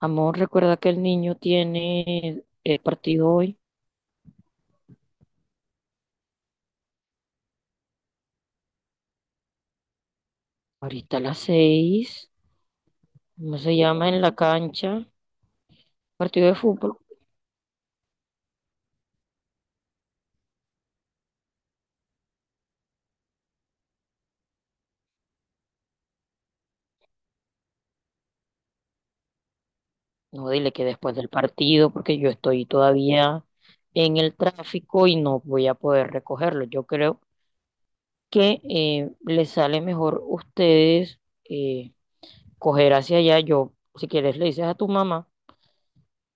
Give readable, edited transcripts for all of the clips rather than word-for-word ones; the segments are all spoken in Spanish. Amor, recuerda que el niño tiene el partido hoy, ahorita a las seis. ¿Cómo se llama en la cancha? Partido de fútbol. No, dile que después del partido, porque yo estoy todavía en el tráfico y no voy a poder recogerlo. Yo creo que les sale mejor ustedes eh, coger hacia allá. Yo, si quieres, le dices a tu mamá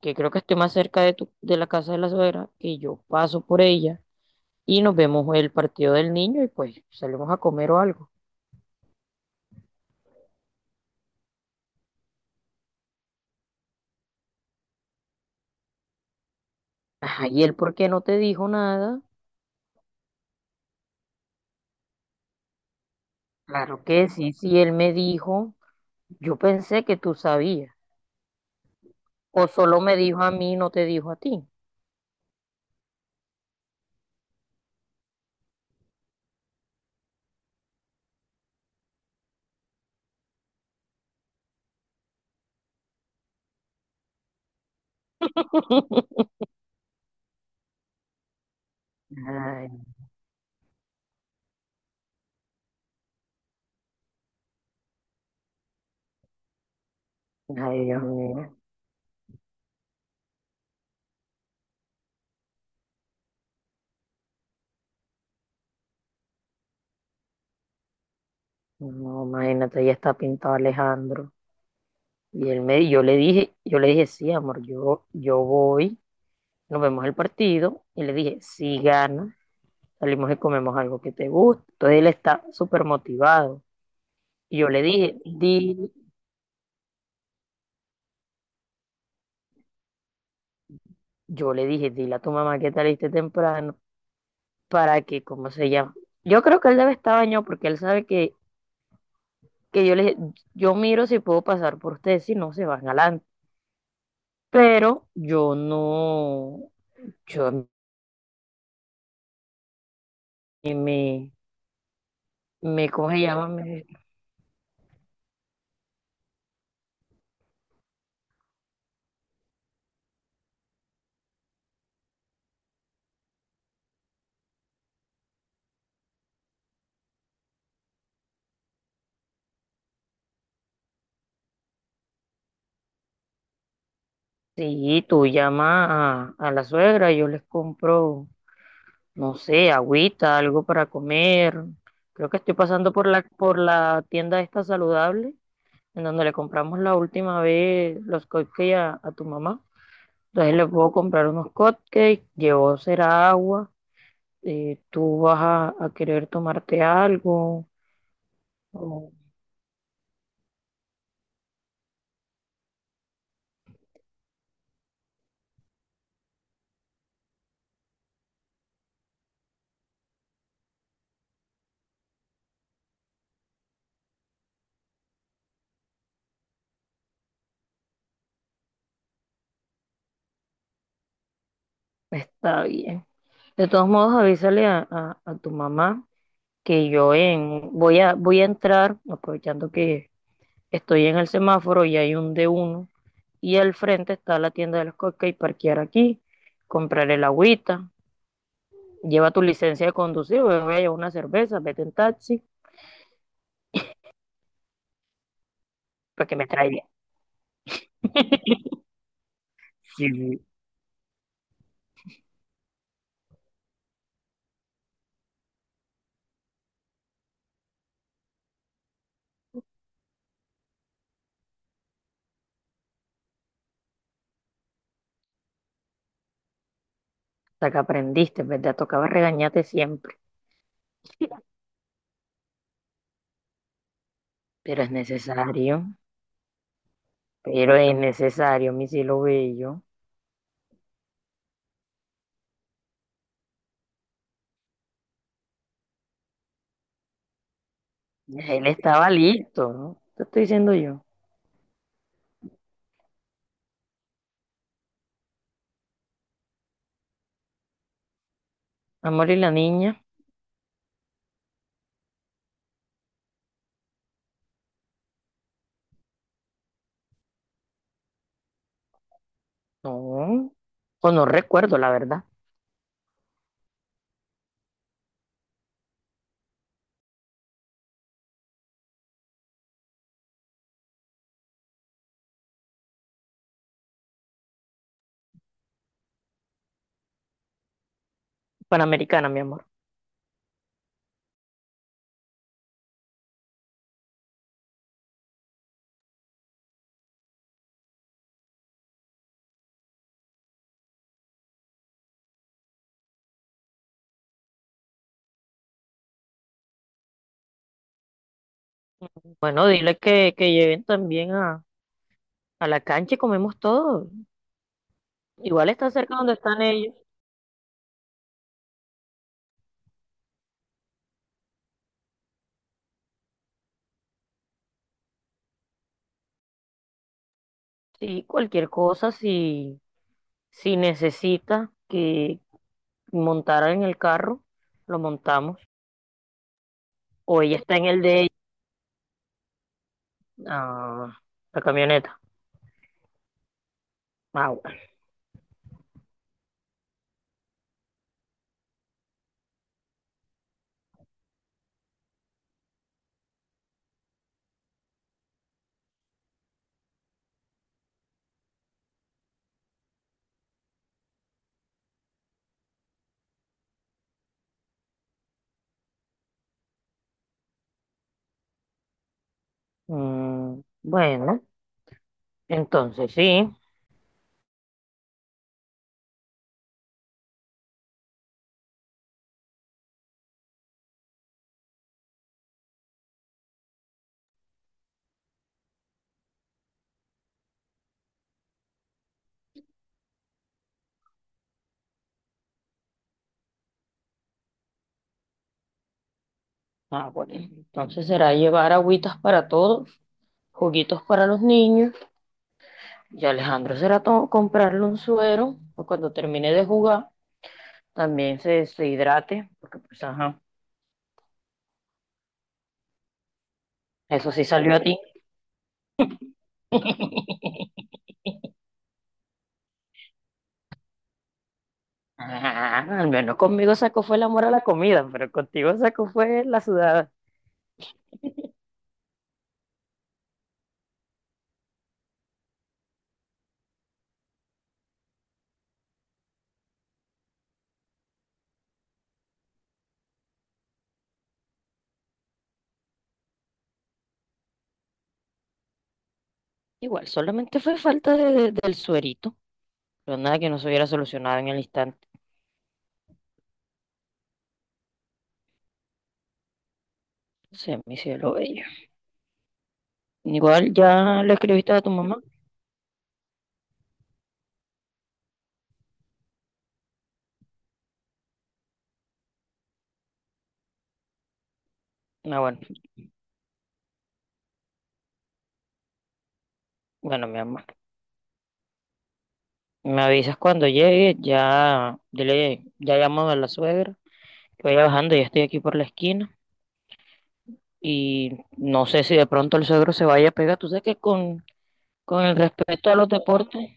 que creo que estoy más cerca de de la casa de la suegra, que yo paso por ella y nos vemos el partido del niño y pues salimos a comer o algo. Ajá, ¿y él por qué no te dijo nada? Claro que sí, si él me dijo, yo pensé que tú sabías. O solo me dijo a mí, no te dijo a ti. Ay, ay, Dios mío. No, imagínate, ya está pintado Alejandro. Yo le dije, sí, amor, yo voy, nos vemos el partido. Y le dije, sí, gana, salimos y comemos algo que te guste. Entonces él está súper motivado. Y yo le dije, yo le dije, dile a tu mamá que te aliste temprano para que, ¿cómo se llama? Yo creo que él debe estar bañado porque él sabe que yo le, yo miro si puedo pasar por ustedes, si no se van adelante. Pero yo no, yo a mí me, me coge, sí, tú llama a la suegra, yo les compro, no sé, agüita, algo para comer. Creo que estoy pasando por por la tienda esta saludable en donde le compramos la última vez los cupcakes a tu mamá. Entonces le puedo comprar unos cupcakes, llevó será agua, tú vas a querer tomarte algo, o- está bien. De todos modos, avísale a tu mamá que voy a entrar, aprovechando que estoy en el semáforo y hay un D1, y al frente está la tienda de los cupcakes, parquear aquí, comprar el agüita, lleva tu licencia de conducir, voy a llevar una cerveza, vete en taxi, para que me traiga. Sí. Hasta que aprendiste, ¿verdad? Tocaba regañarte siempre, pero es necesario, pero es necesario, mi cielo bello. Él estaba listo, ¿no? Te estoy diciendo yo. Amor y la niña, no, o no recuerdo, la verdad. Panamericana, mi amor. Bueno, dile que lleven también a la cancha y comemos todo. Igual está cerca donde están ellos. Sí, cualquier cosa, si necesita que montara en el carro, lo montamos. O ella está en el de ella. Ah, la camioneta. Ah, bueno. Mm, bueno, entonces sí. Ah, bueno. Entonces será llevar agüitas para todos, juguitos para los niños. Y Alejandro será comprarle un suero. O cuando termine de jugar, también se hidrate. Porque pues, ajá. Eso sí salió a ti. Ah, al menos conmigo sacó fue el amor a la comida, pero contigo sacó fue la sudada. Igual, solamente fue falta del suerito, pero nada que no se hubiera solucionado en el instante. Se me cielo bello. Igual ya le escribiste a tu mamá. Ah, bueno, mi mamá. Me avisas cuando llegue, ya dile, ya llamo a la suegra. Voy bajando, ya estoy aquí por la esquina. Y no sé si de pronto el suegro se vaya a pegar. Tú sabes con el respeto a los deportes,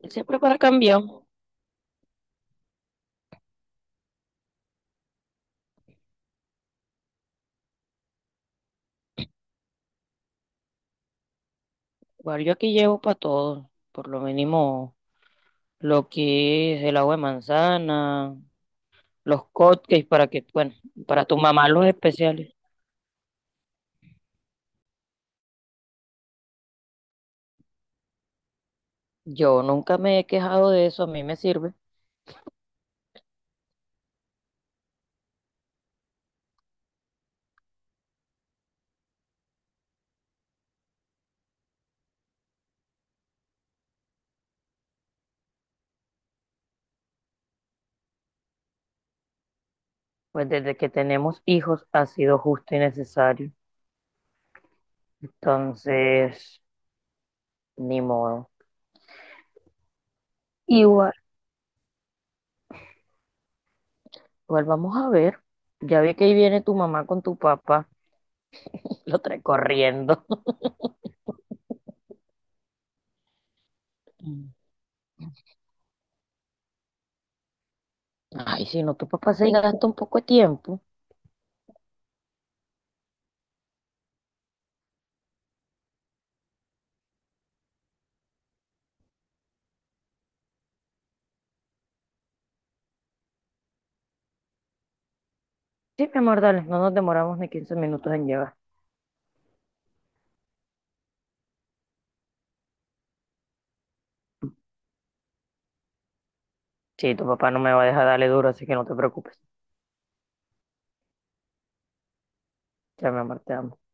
él siempre para cambiar. Igual yo aquí llevo para todo, por lo mínimo lo que es el agua de manzana, los cupcakes para que, bueno, para tu mamá los especiales. Yo nunca me he quejado de eso, a mí me sirve, pues desde que tenemos hijos ha sido justo y necesario. Entonces, ni modo. Igual. Igual vamos a ver. Ya vi que ahí viene tu mamá con tu papá, lo trae corriendo. Ay, si no, tu papá se gasta un poco de tiempo. Sí, mi amor, dale, no nos demoramos ni 15 minutos en llegar. Sí, tu papá no me va a dejar darle duro, así que no te preocupes. Ya, mi amor, te amo.